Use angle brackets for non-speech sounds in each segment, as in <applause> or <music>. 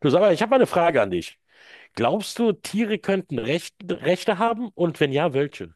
Du sag mal, ich habe mal eine Frage an dich. Glaubst du, Tiere könnten Recht, Rechte haben? Und wenn ja, welche?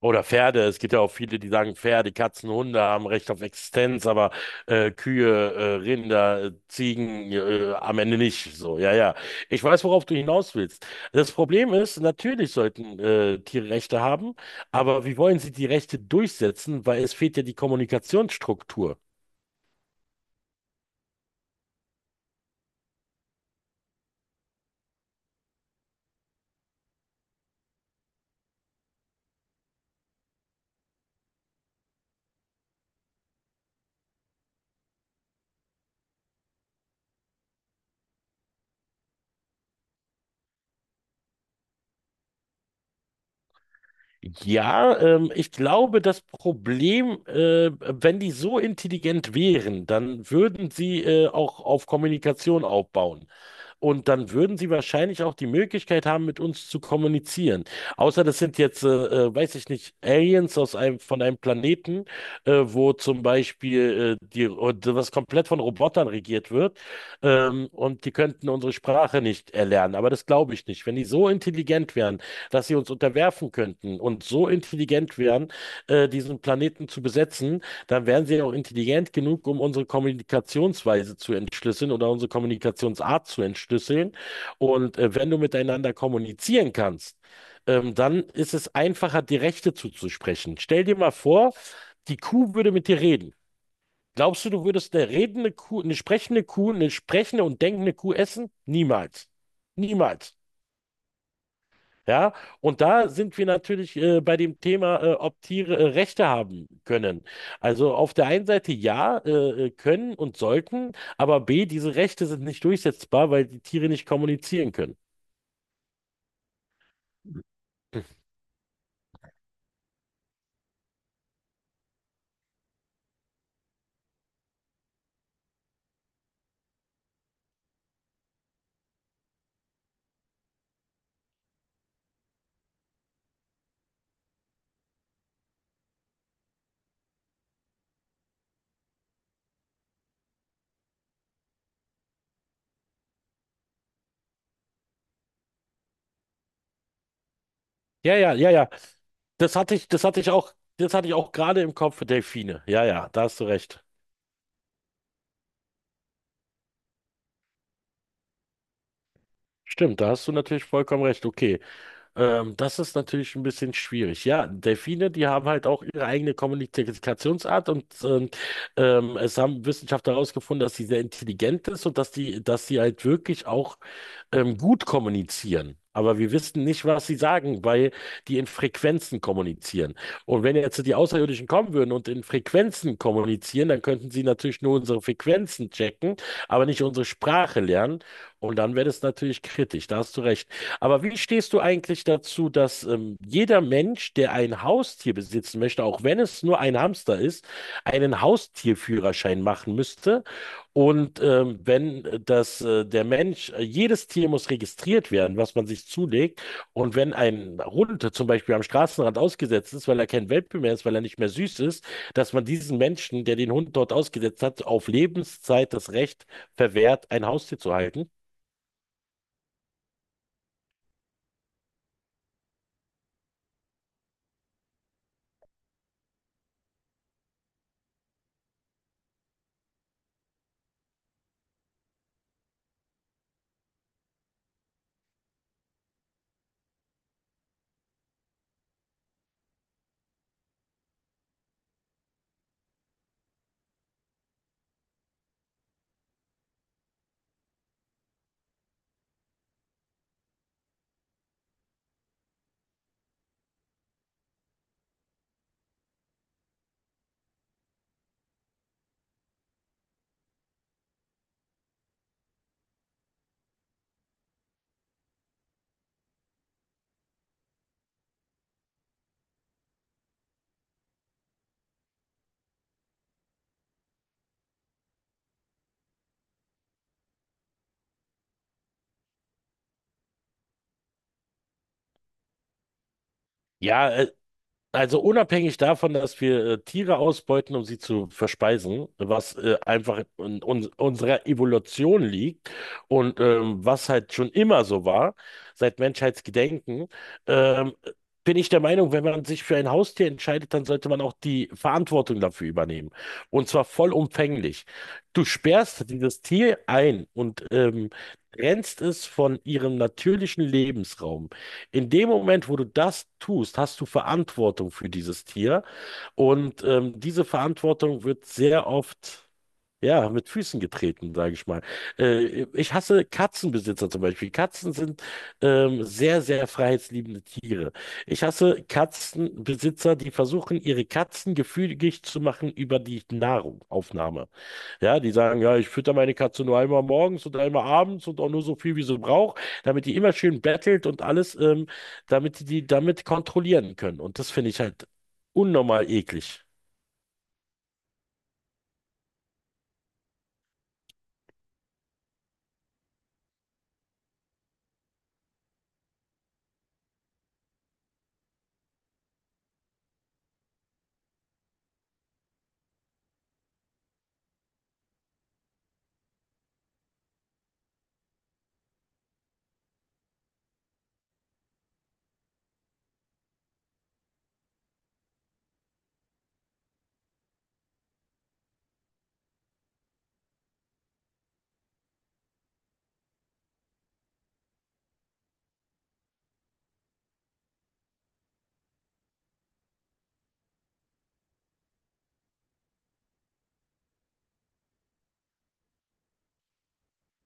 Oder Pferde. Es gibt ja auch viele, die sagen, Pferde, Katzen, Hunde haben Recht auf Existenz, aber Kühe, Rinder, Ziegen am Ende nicht. So, ja, ja. Ich weiß, worauf du hinaus willst. Das Problem ist, natürlich sollten Tiere Rechte haben, aber wie wollen sie die Rechte durchsetzen? Weil es fehlt ja die Kommunikationsstruktur. Ja, ich glaube, das Problem, wenn die so intelligent wären, dann würden sie auch auf Kommunikation aufbauen. Und dann würden sie wahrscheinlich auch die Möglichkeit haben, mit uns zu kommunizieren. Außer das sind jetzt, weiß ich nicht, Aliens aus einem, von einem Planeten, wo zum Beispiel die, und was komplett von Robotern regiert wird. Und die könnten unsere Sprache nicht erlernen. Aber das glaube ich nicht. Wenn die so intelligent wären, dass sie uns unterwerfen könnten und so intelligent wären, diesen Planeten zu besetzen, dann wären sie auch intelligent genug, um unsere Kommunikationsweise zu entschlüsseln oder unsere Kommunikationsart zu entschlüsseln. Und wenn du miteinander kommunizieren kannst, dann ist es einfacher, die Rechte zuzusprechen. Stell dir mal vor, die Kuh würde mit dir reden. Glaubst du, du würdest eine redende Kuh, eine sprechende und denkende Kuh essen? Niemals. Niemals. Ja, und da sind wir natürlich bei dem Thema, ob Tiere Rechte haben können. Also auf der einen Seite ja, können und sollten, aber B, diese Rechte sind nicht durchsetzbar, weil die Tiere nicht kommunizieren können. Ja, ja, ja, ja. Das hatte ich auch, das hatte ich auch gerade im Kopf, Delfine. Ja, ja, da hast du recht. Stimmt, da hast du natürlich vollkommen recht. Okay. Das ist natürlich ein bisschen schwierig. Ja, Delfine, die haben halt auch ihre eigene Kommunikationsart und es haben Wissenschaftler herausgefunden, dass sie sehr intelligent ist und dass sie halt wirklich auch gut kommunizieren. Aber wir wissen nicht, was sie sagen, weil die in Frequenzen kommunizieren. Und wenn jetzt die Außerirdischen kommen würden und in Frequenzen kommunizieren, dann könnten sie natürlich nur unsere Frequenzen checken, aber nicht unsere Sprache lernen. Und dann wird es natürlich kritisch, da hast du recht. Aber wie stehst du eigentlich dazu, dass jeder Mensch, der ein Haustier besitzen möchte, auch wenn es nur ein Hamster ist, einen Haustierführerschein machen müsste? Und wenn der Mensch, jedes Tier muss registriert werden, was man sich zulegt. Und wenn ein Hund zum Beispiel am Straßenrand ausgesetzt ist, weil er kein Welpe mehr ist, weil er nicht mehr süß ist, dass man diesen Menschen, der den Hund dort ausgesetzt hat, auf Lebenszeit das Recht verwehrt, ein Haustier zu halten. Ja, äh, also unabhängig davon, dass wir Tiere ausbeuten, um sie zu verspeisen, was einfach in uns, unserer Evolution liegt und was halt schon immer so war, seit Menschheitsgedenken, ähm, bin ich der Meinung, wenn man sich für ein Haustier entscheidet, dann sollte man auch die Verantwortung dafür übernehmen. Und zwar vollumfänglich. Du sperrst dieses Tier ein und trennst es von ihrem natürlichen Lebensraum. In dem Moment, wo du das tust, hast du Verantwortung für dieses Tier. Und diese Verantwortung wird sehr oft, ja, mit Füßen getreten, sage ich mal. Ich hasse Katzenbesitzer zum Beispiel. Katzen sind sehr, sehr freiheitsliebende Tiere. Ich hasse Katzenbesitzer, die versuchen, ihre Katzen gefügig zu machen über die Nahrung, Aufnahme. Ja, die sagen, ja, ich fütter meine Katze nur einmal morgens und einmal abends und auch nur so viel, wie sie braucht, damit die immer schön bettelt und alles, damit die damit kontrollieren können. Und das finde ich halt unnormal eklig.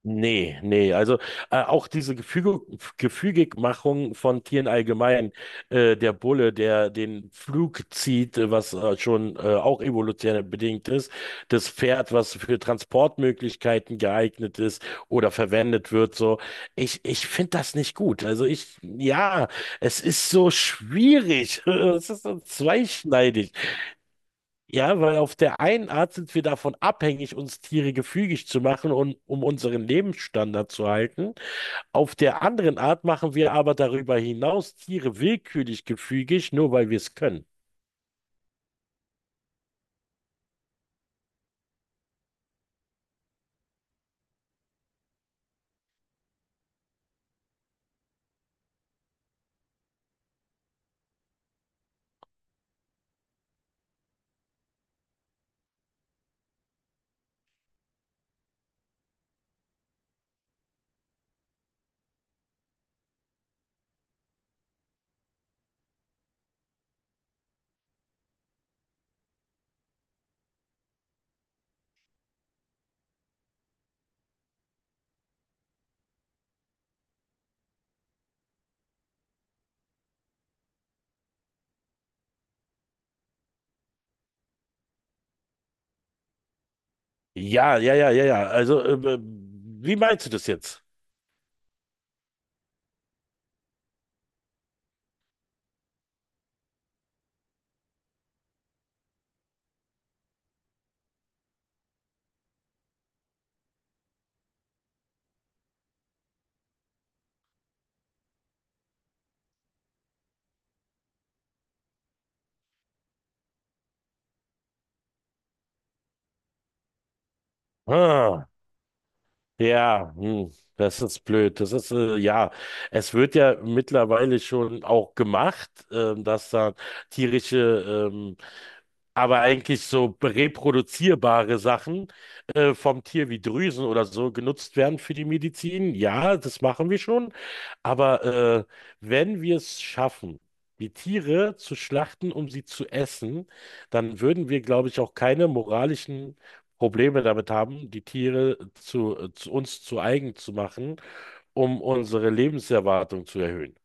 Nee, nee, also auch diese Gefügigmachung von Tieren allgemein, der Bulle, der den Flug zieht, was schon auch evolutionär bedingt ist, das Pferd, was für Transportmöglichkeiten geeignet ist oder verwendet wird, so, ich finde das nicht gut. Also ich, ja, es ist so schwierig, <laughs> es ist so zweischneidig. Ja, weil auf der einen Art sind wir davon abhängig, uns Tiere gefügig zu machen und um unseren Lebensstandard zu halten. Auf der anderen Art machen wir aber darüber hinaus Tiere willkürlich gefügig, nur weil wir es können. Ja, ja, ja, ja, ja. Also, wie meinst du das jetzt? Ah, ja, hm, das ist blöd. Es wird ja mittlerweile schon auch gemacht, dass da tierische aber eigentlich so reproduzierbare Sachen vom Tier wie Drüsen oder so genutzt werden für die Medizin. Ja, das machen wir schon. Aber wenn wir es schaffen, die Tiere zu schlachten, um sie zu essen, dann würden wir, glaube ich, auch keine moralischen Probleme damit haben, die Tiere zu uns zu eigen zu machen, um unsere Lebenserwartung zu erhöhen.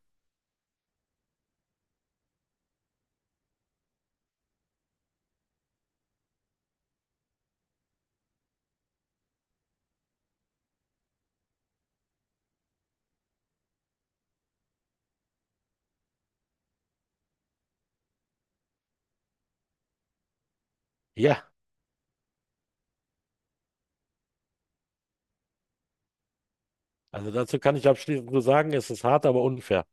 Ja, also dazu kann ich abschließend nur sagen, es ist hart, aber unfair.